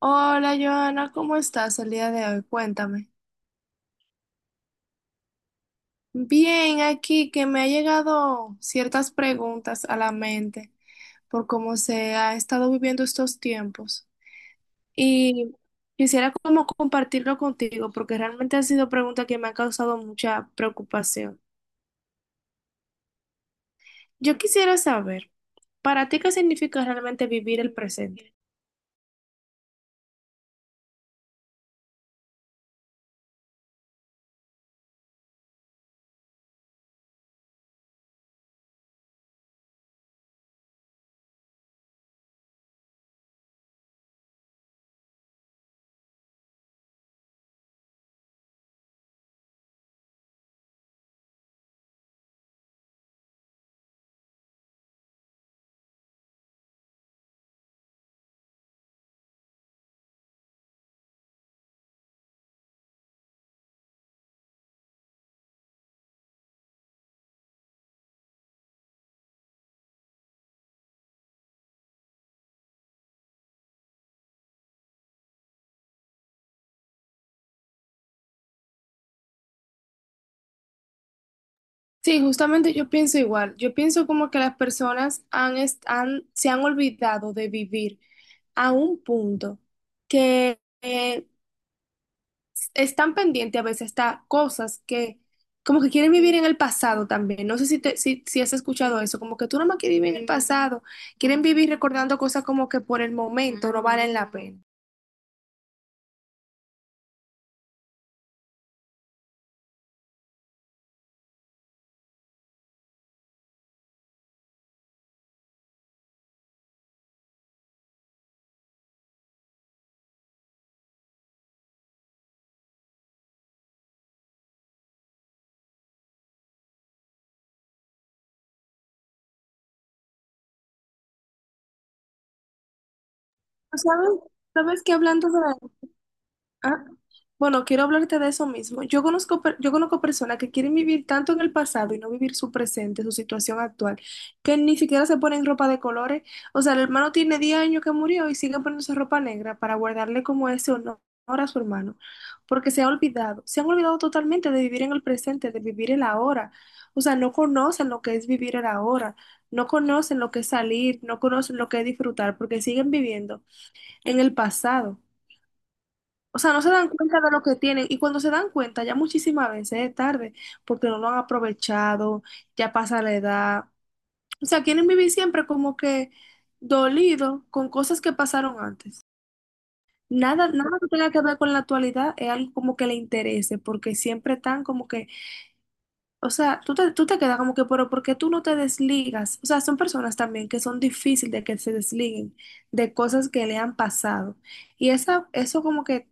Hola Joana, ¿cómo estás el día de hoy? Cuéntame. Bien, aquí que me ha llegado ciertas preguntas a la mente por cómo se ha estado viviendo estos tiempos. Y Quisiera como compartirlo contigo porque realmente han sido preguntas que me han causado mucha preocupación. Yo quisiera saber, ¿para ti qué significa realmente vivir el presente? Sí, justamente yo pienso igual. Yo pienso como que las personas se han olvidado de vivir a un punto que están pendientes a veces hasta cosas que como que quieren vivir en el pasado también. No sé si has escuchado eso, como que tú nomás quieres vivir en el pasado, quieren vivir recordando cosas como que por el momento no valen la pena. ¿Sabes? ¿Sabes que hablando de Ah, Bueno, quiero hablarte de eso mismo. Yo conozco personas que quieren vivir tanto en el pasado y no vivir su presente, su situación actual, que ni siquiera se ponen ropa de colores. O sea, el hermano tiene 10 años que murió y sigue poniéndose ropa negra para guardarle como ese honor a su hermano, porque se han olvidado totalmente de vivir en el presente, de vivir el ahora. O sea, no conocen lo que es vivir el ahora, no conocen lo que es salir, no conocen lo que es disfrutar, porque siguen viviendo en el pasado. O sea, no se dan cuenta de lo que tienen y cuando se dan cuenta ya muchísimas veces es tarde porque no lo han aprovechado, ya pasa la edad. O sea, quieren vivir siempre como que dolido con cosas que pasaron antes. Nada que tenga que ver con la actualidad es algo como que le interese porque siempre están como que o sea, tú te quedas como que, pero ¿por qué tú no te desligas? O sea, son personas también que son difíciles de que se desliguen de cosas que le han pasado. Y esa, eso como que,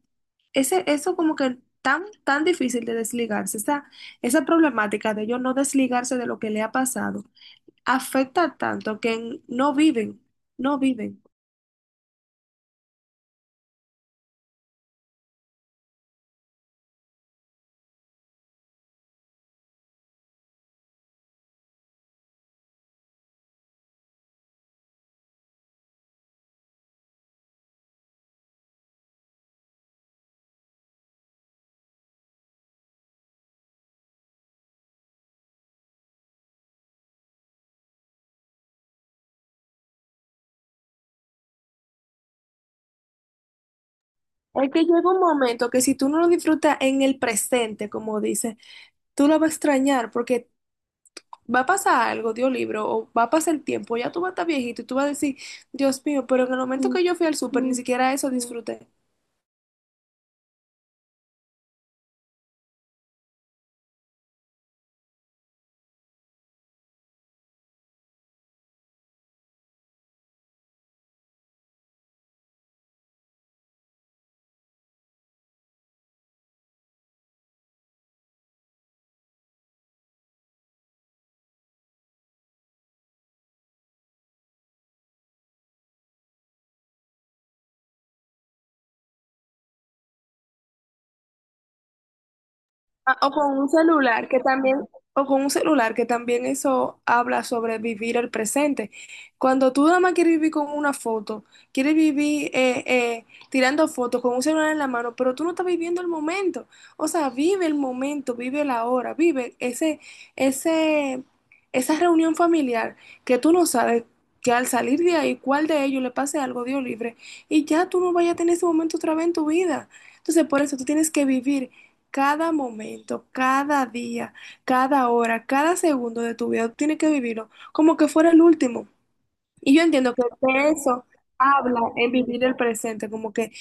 ese, Eso como que tan difícil de desligarse, esa problemática de ellos no desligarse de lo que le ha pasado, afecta tanto que no viven, no viven. Es que llega un momento que si tú no lo disfrutas en el presente, como dice, tú lo vas a extrañar porque va a pasar algo, Dios libro, o va a pasar el tiempo, ya tú vas a estar viejito y tú vas a decir, Dios mío, pero en el momento que yo fui al súper ni siquiera eso disfruté. Ah, o con un celular que también, o con un celular que también eso habla sobre vivir el presente. Cuando tú nada más quieres vivir con una foto, quieres vivir tirando fotos con un celular en la mano, pero tú no estás viviendo el momento. O sea, vive el momento, vive la hora, ese, esa reunión familiar que tú no sabes que al salir de ahí, cuál de ellos le pase algo, Dios libre, y ya tú no vayas a tener ese momento otra vez en tu vida. Entonces, por eso tú tienes que vivir. Cada momento, cada día, cada hora, cada segundo de tu vida, tú tienes que vivirlo como que fuera el último. Y yo entiendo que de eso habla en vivir el presente, como que,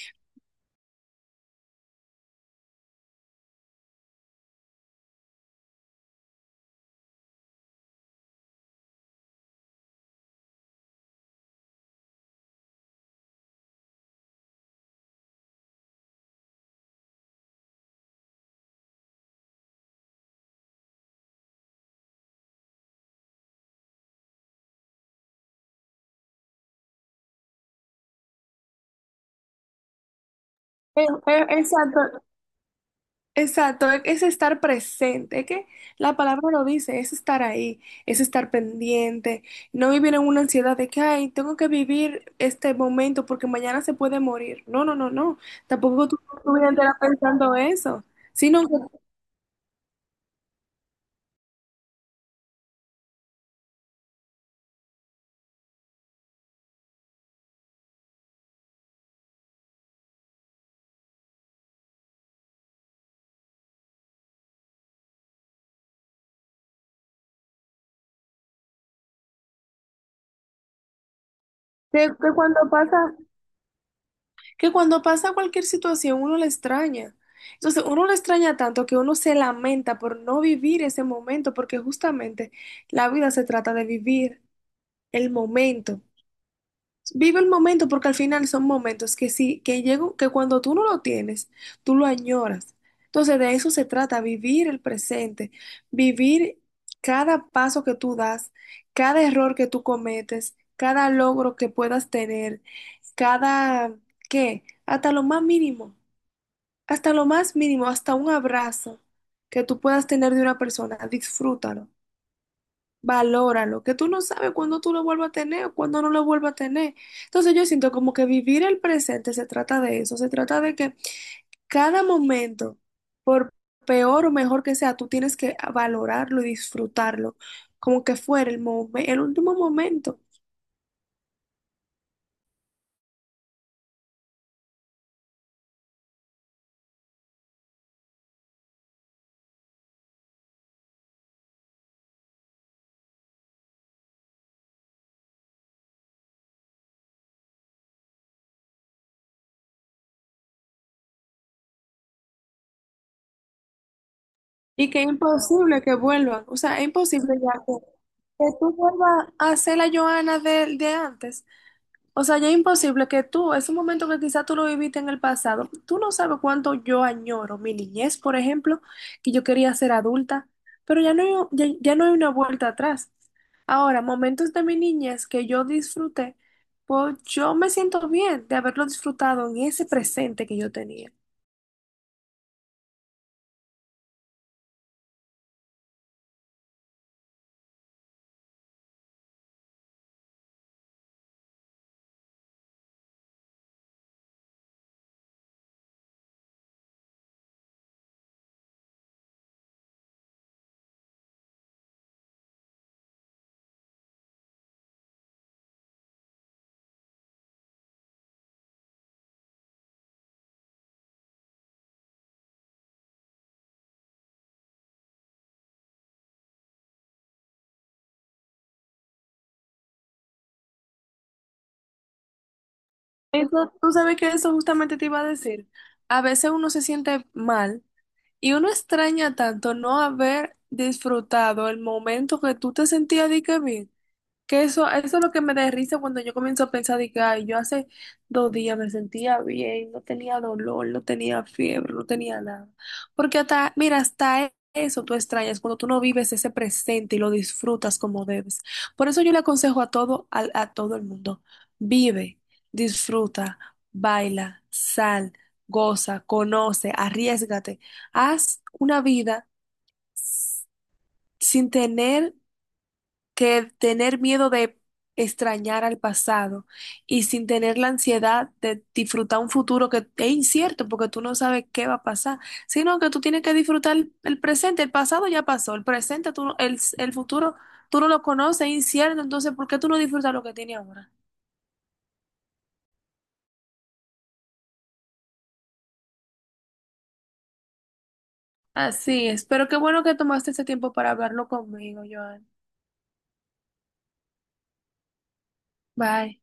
eh, eh, exacto, exacto, es estar presente, es que la palabra lo dice, es estar ahí, es estar pendiente, no vivir en una ansiedad de que, ay, tengo que vivir este momento porque mañana se puede morir. No, tampoco tú tu vida entera pensando eso, sino que cuando que cuando pasa cualquier situación uno la extraña. Entonces uno la extraña tanto que uno se lamenta por no vivir ese momento, porque justamente la vida se trata de vivir el momento. Vive el momento porque al final son momentos que sí, que llegan, que cuando tú no lo tienes, tú lo añoras. Entonces de eso se trata, vivir el presente, vivir cada paso que tú das, cada error que tú cometes, cada logro que puedas tener, cada, ¿qué? hasta lo más mínimo, hasta lo más mínimo, hasta un abrazo que tú puedas tener de una persona, disfrútalo. Valóralo, que tú no sabes cuándo tú lo vuelvas a tener o cuándo no lo vuelvas a tener. Entonces yo siento como que vivir el presente se trata de eso, se trata de que cada momento, por peor o mejor que sea, tú tienes que valorarlo y disfrutarlo, como que fuera el el último momento. Y que es imposible que vuelvan, o sea, es imposible ya que tú vuelvas a ser la Joana de antes. O sea, ya es imposible que tú, es un momento que quizás tú lo viviste en el pasado. Tú no sabes cuánto yo añoro mi niñez, por ejemplo, que yo quería ser adulta, pero ya no hay, ya no hay una vuelta atrás. Ahora, momentos de mi niñez que yo disfruté, pues yo me siento bien de haberlo disfrutado en ese presente que yo tenía. Eso, tú sabes que eso justamente te iba a decir. A veces uno se siente mal y uno extraña tanto no haber disfrutado el momento que tú te sentías de que bien. Que eso es lo que me da risa cuando yo comienzo a pensar de que ay, yo hace 2 días me sentía bien, no tenía dolor, no tenía fiebre, no tenía nada. Porque hasta, mira, hasta eso tú extrañas cuando tú no vives ese presente y lo disfrutas como debes. Por eso yo le aconsejo a todo el mundo, vive, disfruta, baila, sal, goza, conoce, arriésgate, haz una vida sin tener que tener miedo de extrañar al pasado y sin tener la ansiedad de disfrutar un futuro que es incierto porque tú no sabes qué va a pasar, sino que tú tienes que disfrutar el presente, el pasado ya pasó, el futuro, tú no lo conoces, es incierto, entonces ¿por qué tú no disfrutas lo que tienes ahora? Así es, pero qué bueno que tomaste ese tiempo para hablarlo conmigo, Joan. Bye.